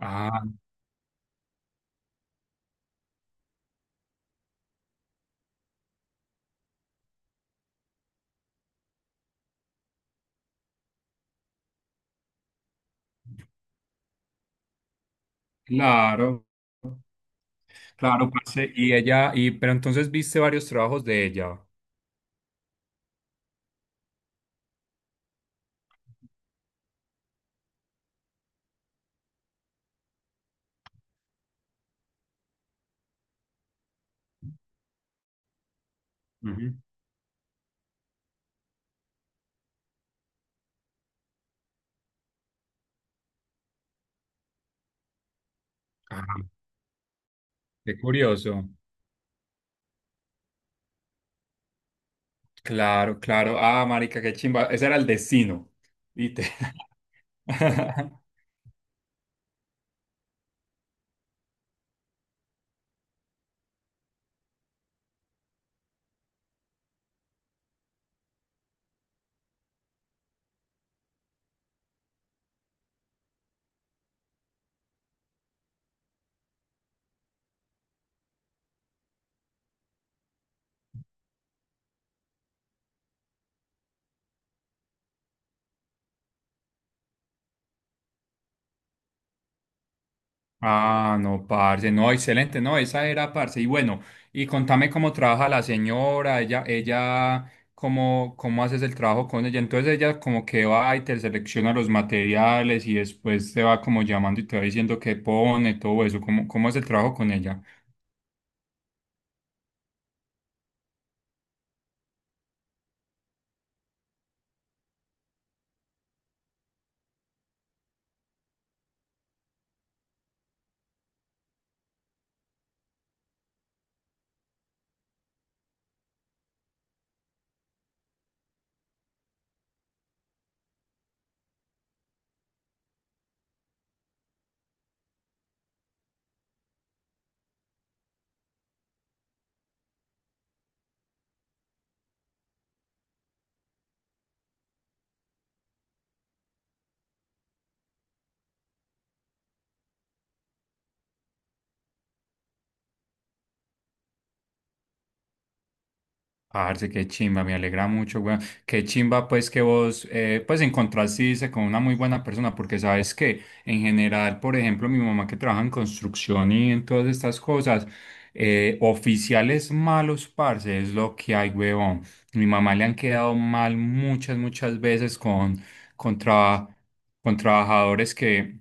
Ah, claro, claro, parce. Y ella, y pero entonces viste varios trabajos de ella. Ujú. Ah, qué curioso. Claro, claro. Ah, marica, qué chimba. Ese era el destino. Literal. Ah, no, parce, no, excelente, no, esa era, parce. Y bueno, y contame cómo trabaja la señora, cómo, cómo haces el trabajo con ella. Entonces ella como que va y te selecciona los materiales y después te va como llamando y te va diciendo qué pone, todo eso. ¿Cómo, cómo es el trabajo con ella? Parce, qué chimba, me alegra mucho, weón. Qué chimba, pues, que vos, pues, encontraste, dice, con una muy buena persona, porque sabes que, en general, por ejemplo, mi mamá que trabaja en construcción y en todas estas cosas, oficiales malos, parce, es lo que hay, weón. Mi mamá le han quedado mal muchas, muchas veces con, traba- con trabajadores que,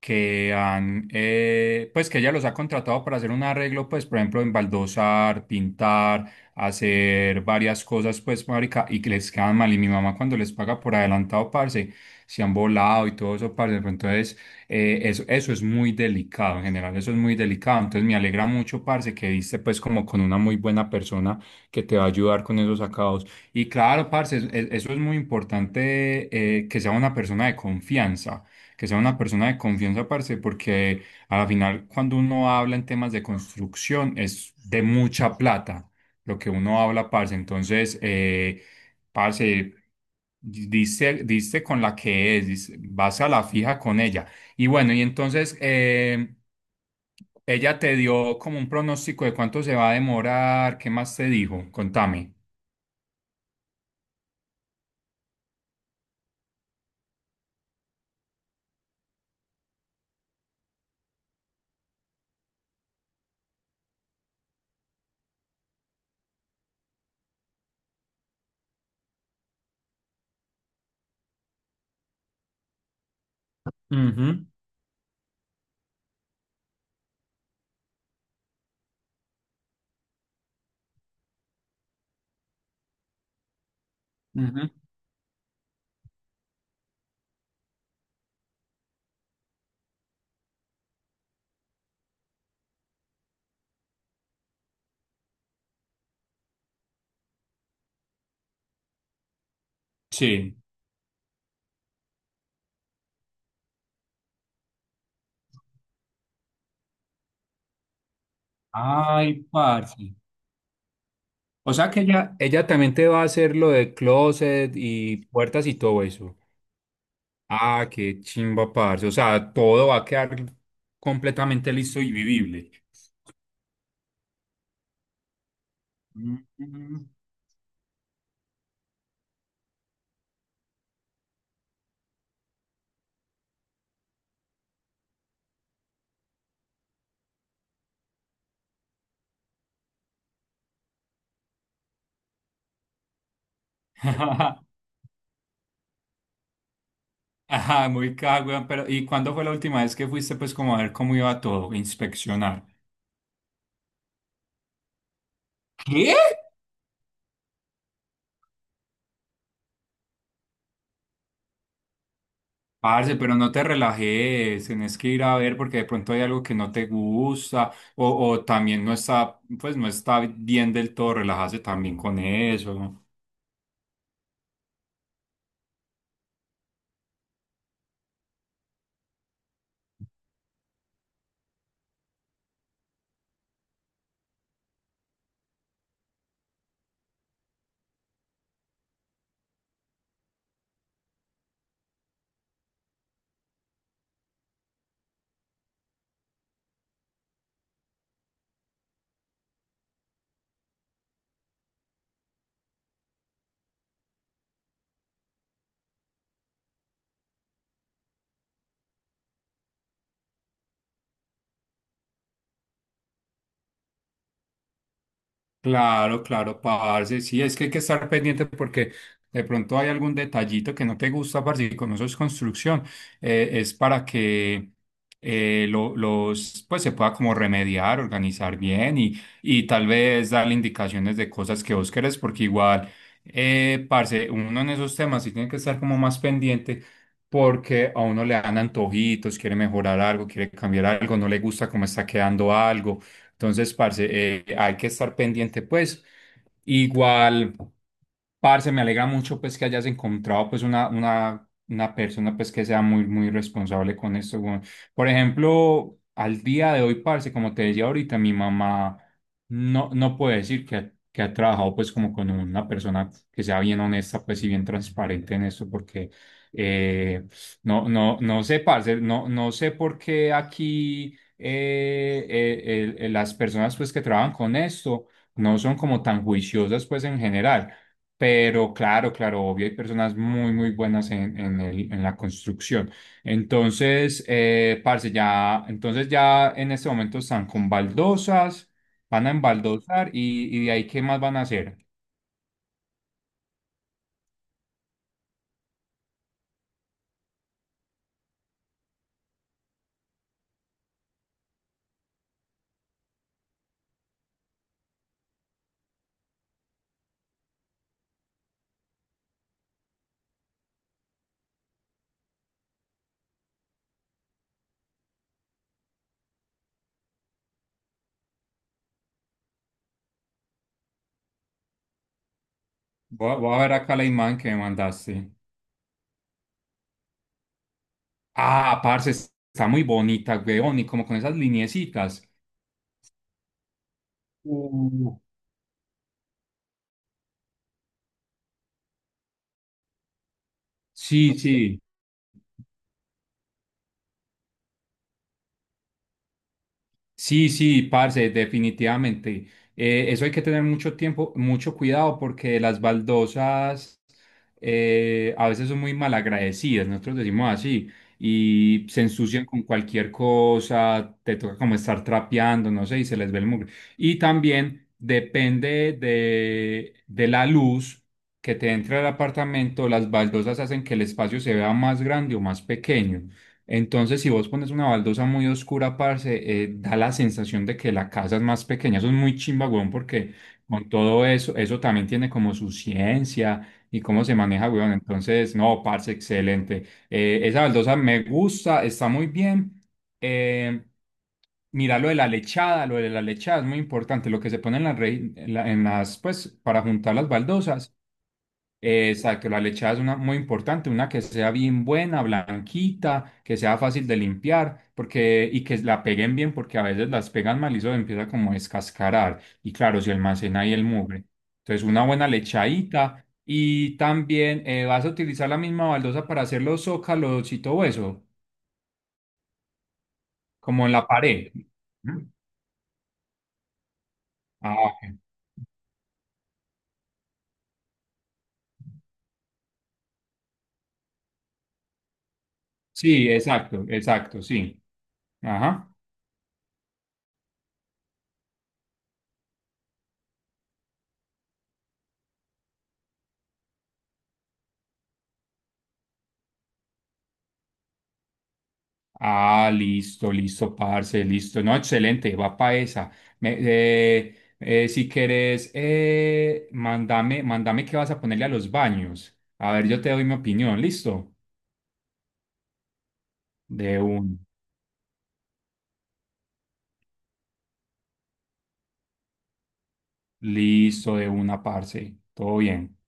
que pues, que ella los ha contratado para hacer un arreglo, pues, por ejemplo, en baldosar, pintar, hacer varias cosas, pues, marica, y que les quedan mal. Y mi mamá cuando les paga por adelantado, parce, se han volado y todo eso, parce. Pero entonces, eso, eso es muy delicado, en general, eso es muy delicado. Entonces, me alegra mucho, parce, que diste, pues, como con una muy buena persona que te va a ayudar con esos acabados. Y claro, parce, eso es muy importante, que sea una persona de confianza. Que sea una persona de confianza, parce, porque... Al final, cuando uno habla en temas de construcción, es de mucha plata lo que uno habla, parce. Entonces, parce, diste, diste con la que es, vas a la fija con ella. Y bueno, y entonces, ella te dio como un pronóstico de cuánto se va a demorar, ¿qué más te dijo? Contame. Ujú, ujú. Sí. Ay, parce. O sea que ella también te va a hacer lo de closet y puertas y todo eso. Ah, qué chimba, parce. O sea, todo va a quedar completamente listo y vivible. Mm. Ajá, muy cagüey, pero ¿y cuándo fue la última vez que fuiste pues como a ver cómo iba todo, inspeccionar? ¿Qué? Parce, pero no te relajes, tenés que ir a ver porque de pronto hay algo que no te gusta o también no está, pues no está bien del todo, relájate también con eso. Claro, claro, parce. Sí, es que hay que estar pendiente porque de pronto hay algún detallito que no te gusta, parce, y como eso es construcción, es para que pues se pueda como remediar, organizar bien y tal vez darle indicaciones de cosas que vos querés, porque igual, parce, uno en esos temas sí tiene que estar como más pendiente porque a uno le dan antojitos, quiere mejorar algo, quiere cambiar algo, no le gusta cómo está quedando algo. Entonces, parce, hay que estar pendiente, pues. Igual. Parce, me alegra mucho pues que hayas encontrado pues una persona pues que sea muy, muy responsable con esto, weón. Por ejemplo, al día de hoy, parce, como te decía ahorita, mi mamá no puede decir que ha trabajado pues como con una persona que sea bien honesta pues y bien transparente en esto porque eh, no sé, parce, no sé por qué aquí las personas pues que trabajan con esto no son como tan juiciosas pues en general, pero claro, claro, obvio, hay personas muy, muy buenas en, en la construcción. Entonces, parce, ya, entonces ya en este momento están con baldosas, van a embaldosar y de ahí, ¿qué más van a hacer? Voy a, voy a ver acá la imagen que me mandaste. Ah, parce, está muy bonita, weón, y como con esas lineecitas. Uh. Sí, sí. Sí, sí, parce, definitivamente. Eso hay que tener mucho tiempo, mucho cuidado porque las baldosas a veces son muy malagradecidas, nosotros decimos así, y se ensucian con cualquier cosa, te toca como estar trapeando, no sé, y se les ve el mugre. Y también depende de la luz que te entra al apartamento, las baldosas hacen que el espacio se vea más grande o más pequeño. Entonces, si vos pones una baldosa muy oscura, parce, da la sensación de que la casa es más pequeña. Eso es muy chimba, weón, porque con todo eso, eso también tiene como su ciencia y cómo se maneja, weón. Entonces, no, parce, excelente. Esa baldosa me gusta, está muy bien. Eh, Mira lo de la lechada, lo de la lechada es muy importante. Lo que se pone en las, en las, pues, para juntar las baldosas. Exacto, la lechada es una muy importante, una que sea bien buena, blanquita, que sea fácil de limpiar, porque y que la peguen bien, porque a veces las pegan mal y eso empieza como a descascarar. Y claro, se almacena ahí el mugre. Entonces, una buena lechadita y también, vas a utilizar la misma baldosa para hacer los zócalos y todo eso, como en la pared. ¿Mm? Ah, ok. Sí, exacto, exacto, sí. Ajá. Ah, listo, listo, parce, listo. No, excelente, va pa' esa. Si querés, mándame, mándame qué vas a ponerle a los baños. A ver, yo te doy mi opinión, listo. De un, Listo, de una, parce. Todo bien.